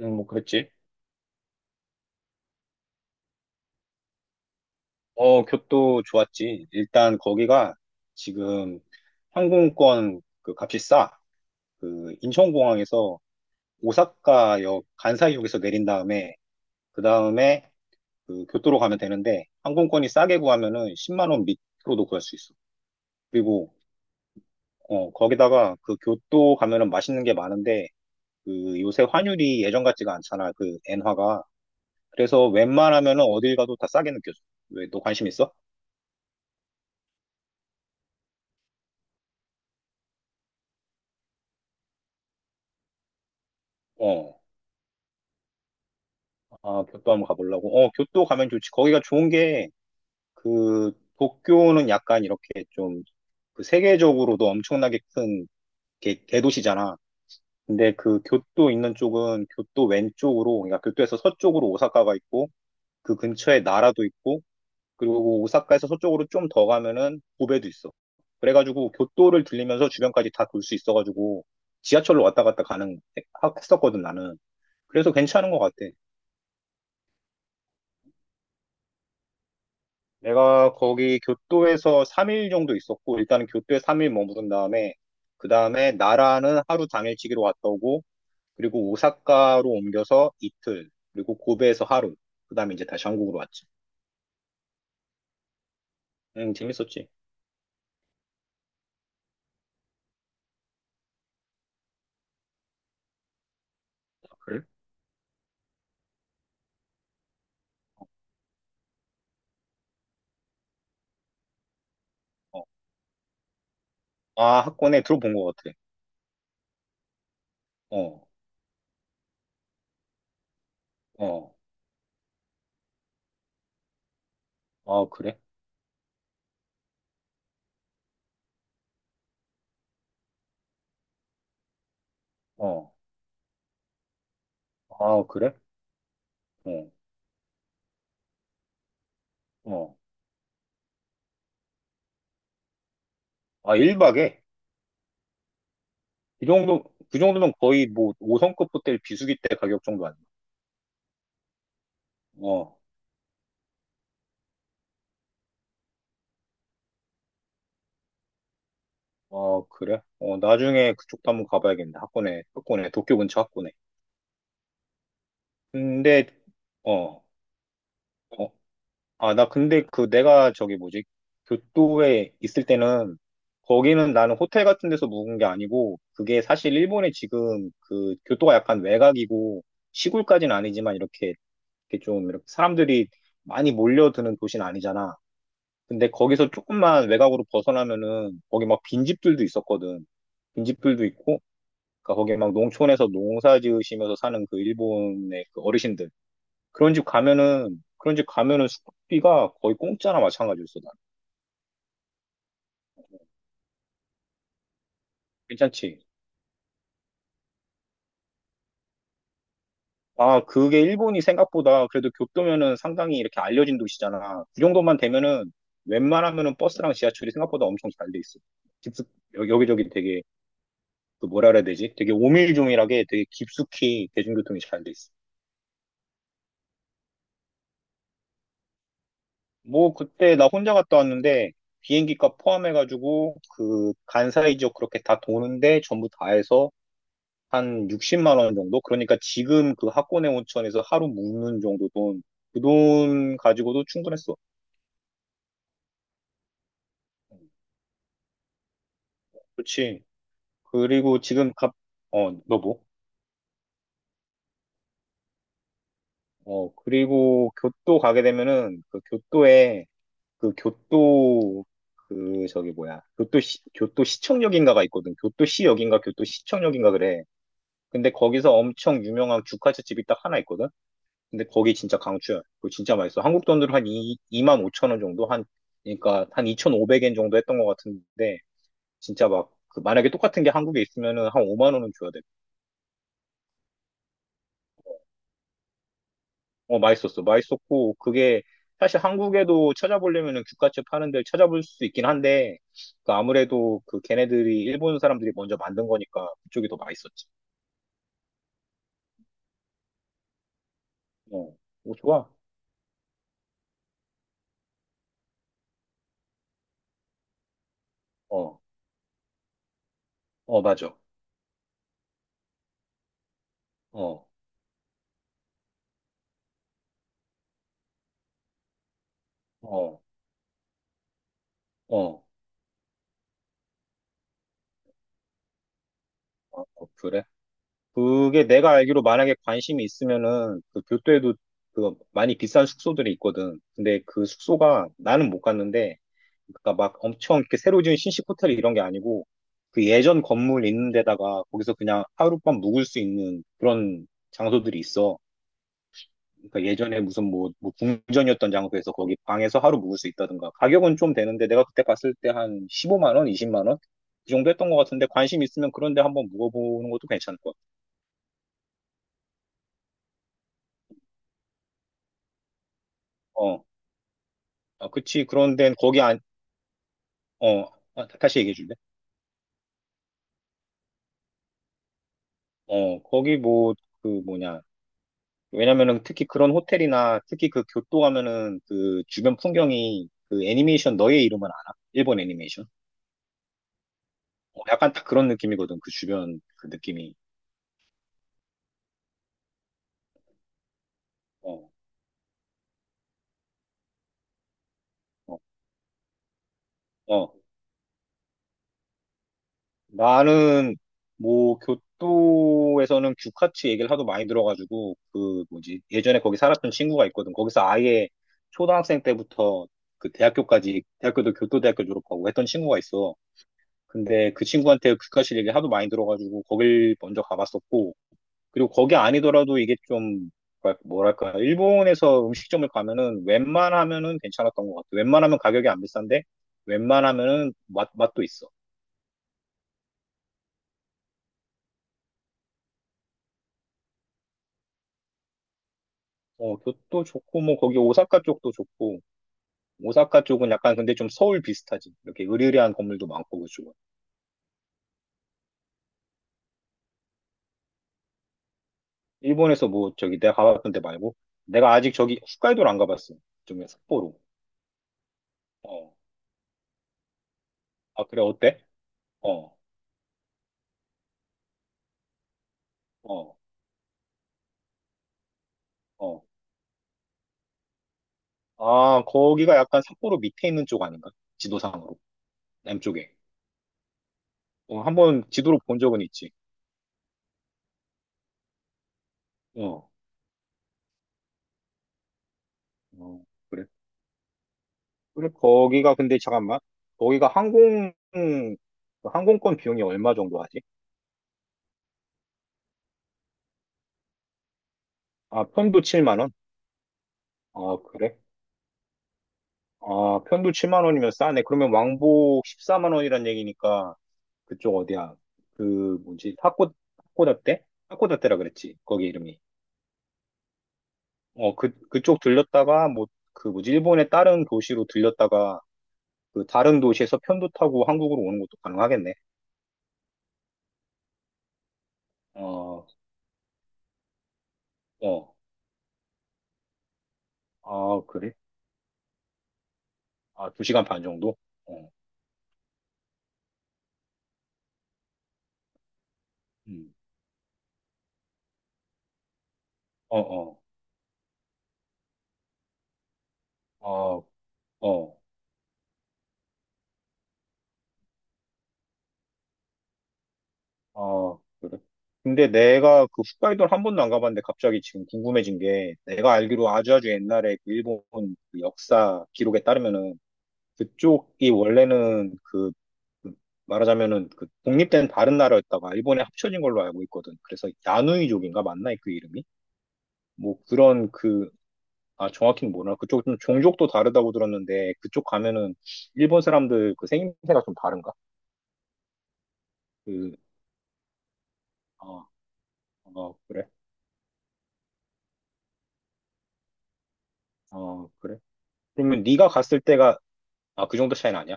뭐 그랬지. 어, 교토 좋았지. 일단 거기가 지금 항공권 그 값이 싸. 그 인천공항에서 오사카역 간사이역에서 내린 다음에 그 다음에 그 교토로 가면 되는데 항공권이 싸게 구하면은 10만 원 밑으로도 구할 수 있어. 그리고 거기다가 그 교토 가면은 맛있는 게 많은데 그 요새 환율이 예전 같지가 않잖아. 그 엔화가. 그래서 웬만하면은 어딜 가도 다 싸게 느껴져. 왜 너 관심 있어? 어. 아, 교토 한번 가보려고. 어, 교토 가면 좋지. 거기가 좋은 게, 그, 도쿄는 약간 이렇게 좀, 그 세계적으로도 엄청나게 큰 대도시잖아. 근데 그 교토 있는 쪽은 교토 왼쪽으로, 그러니까 교토에서 서쪽으로 오사카가 있고, 그 근처에 나라도 있고, 그리고 오사카에서 서쪽으로 좀 더 가면은 고베도 있어. 그래가지고 교토를 들리면서 주변까지 다 돌 수 있어가지고, 지하철로 왔다 갔다 가는, 했었거든, 나는. 그래서 괜찮은 것 같아. 내가 거기 교토에서 3일 정도 있었고, 일단은 교토에 3일 머무른 다음에, 그 다음에 나라는 하루 당일치기로 왔다 오고, 그리고 오사카로 옮겨서 이틀, 그리고 고베에서 하루, 그 다음에 이제 다시 한국으로 왔지. 응, 재밌었지. 그래? 어. 아, 학원에 들어본 것 같아. 어, 어, 아, 그래? 어, 아, 그래? 어, 어. 아, 1박에? 이 정도, 그 정도면 거의 뭐 5성급 호텔 비수기 때 가격 정도 아니야? 어, 어, 그래? 어, 나중에 그쪽도 한번 가봐야겠네. 학군에, 학군에, 도쿄 근처 학군에. 근데, 어, 어, 아, 나 근데 그 내가 저기 뭐지? 교토에 있을 때는 거기는 나는 호텔 같은 데서 묵은 게 아니고 그게 사실 일본에 지금 그 교토가 약간 외곽이고 시골까지는 아니지만 이렇게, 이렇게 좀 이렇게 사람들이 많이 몰려드는 도시는 아니잖아. 근데 거기서 조금만 외곽으로 벗어나면은 거기 막 빈집들도 있었거든. 빈집들도 있고 그러니까 거기 막 농촌에서 농사 지으시면서 사는 그 일본의 그 어르신들. 그런 집 가면은, 그런 집 가면은 숙박비가 거의 공짜나 마찬가지였어, 난. 괜찮지? 아, 그게 일본이 생각보다 그래도 교토면은 상당히 이렇게 알려진 도시잖아. 그 정도만 되면은 웬만하면은 버스랑 지하철이 생각보다 엄청 잘 돼 있어. 깊숙, 여기저기 되게, 그 뭐라 그래야 되지? 되게 오밀조밀하게 되게 깊숙이 대중교통이 잘 돼 있어. 뭐 그때 나 혼자 갔다 왔는데 비행기값 포함해가지고 그 간사이 지역 그렇게 다 도는데 전부 다 해서 한 60만 원 정도? 그러니까 지금 그 학군의 온천에서 하루 묵는 정도 돈, 그 돈 가지고도 충분했어. 그렇지. 그리고 지금 어, 너 뭐? 어, 그리고 교토 가게 되면은 그 교토에 그 교토 그 저기 뭐야? 교토시 교토시청역인가가 있거든. 교토시역인가 교토시청역인가 그래. 근데 거기서 엄청 유명한 규카츠 집이 딱 하나 있거든? 근데 거기 진짜 강추야. 그거 진짜 맛있어. 한국 돈으로 한 2, 만 5천 원 정도? 한, 그러니까 한 2,500엔 정도 했던 것 같은데, 진짜 막, 그 만약에 똑같은 게 한국에 있으면은 한 5만 원은 줘야 돼. 어, 맛있었어. 맛있었고, 그게, 사실 한국에도 찾아보려면은 규카츠 파는 데를 찾아볼 수 있긴 한데, 그 아무래도 그 걔네들이 일본 사람들이 먼저 만든 거니까 그쪽이 더 맛있었지. 어, 오, 좋아. 어, 어, 맞아. 어, 어, 어, 어, 그래. 그게 내가 알기로 만약에 관심이 있으면은 그 교토에도 그 많이 비싼 숙소들이 있거든. 근데 그 숙소가 나는 못 갔는데 그러니까 막 엄청 이렇게 새로 지은 신식 호텔 이런 게 아니고 그 예전 건물 있는 데다가 거기서 그냥 하룻밤 묵을 수 있는 그런 장소들이 있어. 그러니까 예전에 무슨 뭐 궁전이었던 장소에서 거기 방에서 하루 묵을 수 있다든가. 가격은 좀 되는데 내가 그때 갔을 때 한 15만 원, 20만 원? 그 정도 했던 것 같은데 관심 있으면 그런 데 한번 묵어보는 것도 괜찮을 것 같아. 어. 아, 그치. 그런데 거기 안, 어, 아, 다시 얘기해 줄래? 어, 거기 뭐, 그 뭐냐. 왜냐면은 특히 그런 호텔이나 특히 그 교토 가면은 그 주변 풍경이 그 애니메이션 너의 이름은 알아? 일본 애니메이션? 어, 약간 딱 그런 느낌이거든. 그 주변 그 느낌이. 어, 어, 어. 나는 뭐 교토에서는 규카츠 얘기를 하도 많이 들어가지고 그 뭐지 예전에 거기 살았던 친구가 있거든. 거기서 아예 초등학생 때부터 그 대학교까지 대학교도 교토대학교 졸업하고 했던 친구가 있어. 근데 그 친구한테 규카츠 얘기를 하도 많이 들어가지고 거길 먼저 가봤었고 그리고 거기 아니더라도 이게 좀 뭐랄까 일본에서 음식점을 가면은 웬만하면은 괜찮았던 것 같아. 웬만하면 가격이 안 비싼데 웬만하면은 맛 맛도 있어. 어, 교토 좋고, 뭐, 거기 오사카 쪽도 좋고, 오사카 쪽은 약간 근데 좀 서울 비슷하지. 이렇게 으리으리한 건물도 많고, 그쪽은. 일본에서 뭐, 저기 내가 가봤던 데 말고, 내가 아직 저기 홋카이도를 안 가봤어. 좀 삿포로. 어. 아, 그래, 어때? 어, 어, 어. 아, 거기가 약간 삿포로 밑에 있는 쪽 아닌가? 지도상으로. 남쪽에. 어, 한번 지도로 본 적은 있지. 어, 어, 그래. 그래, 거기가 근데 잠깐만. 거기가 항공, 그 항공권 비용이 얼마 정도 하지? 아, 편도 7만 원? 아, 그래? 아, 편도 7만 원이면 싸네. 그러면 왕복 14만 원이란 얘기니까 그쪽 어디야? 그 뭐지? 하코다테? 하코다테라 그랬지. 거기 이름이. 어, 그 그쪽 들렸다가 뭐 그 뭐지? 일본의 다른 도시로 들렸다가 그 다른 도시에서 편도 타고 한국으로 오는 것도 가능하겠네. 어, 어. 아, 그래? 아, 2시간 반 정도? 어. 음. 어, 어. 어, 어. 아, 그래. 근데 내가 그 홋카이도를 한 번도 안 가봤는데 갑자기 지금 궁금해진 게 내가 알기로 아주아주 옛날에 그 일본 그 역사 기록에 따르면은 그쪽이 원래는 그 말하자면은 그 독립된 다른 나라였다가 일본에 합쳐진 걸로 알고 있거든. 그래서 야누이족인가 맞나 그 이름이? 뭐 그런 그 아 정확히는 뭐라 그쪽 좀 종족도 다르다고 들었는데 그쪽 가면은 일본 사람들 그 생김새가 좀 다른가? 그 어, 어, 그래. 어, 그래. 그러면 네가 갔을 때가 아, 그 정도 차이는 아니야?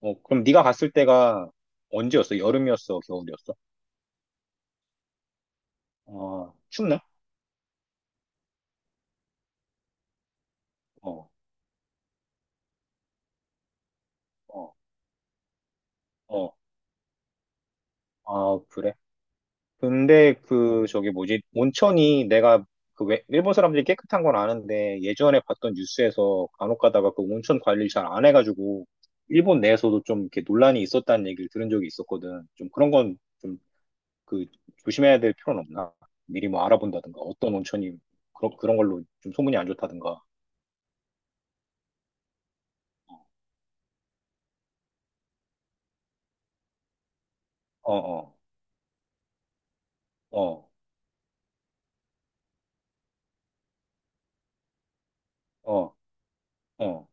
어, 그럼 네가 갔을 때가 언제였어? 여름이었어? 겨울이었어? 어, 춥나? 어, 어, 어. 아, 그래? 근데 그, 저기 뭐지? 온천이 내가 그 왜, 일본 사람들이 깨끗한 건 아는데 예전에 봤던 뉴스에서 간혹 가다가 그 온천 관리를 잘 안 해가지고 일본 내에서도 좀 이렇게 논란이 있었다는 얘기를 들은 적이 있었거든. 좀 그런 건 좀 그 조심해야 될 필요는 없나? 미리 뭐 알아본다든가 어떤 온천이 그런, 그런 걸로 좀 소문이 안 좋다든가. 어, 어, 어. 어, 어.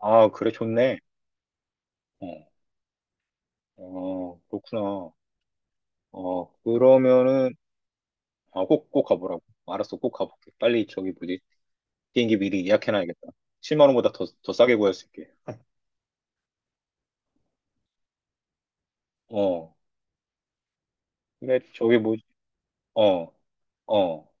아, 그래, 좋네. 어, 어, 그렇구나. 어, 그러면은, 아, 꼭, 꼭 가보라고. 알았어, 꼭 가볼게. 빨리 저기 뭐지? 비행기 미리 예약해놔야겠다. 7만 원보다 더, 더 싸게 구할 수 있게. 어, 근데 저기 뭐, 어, 어.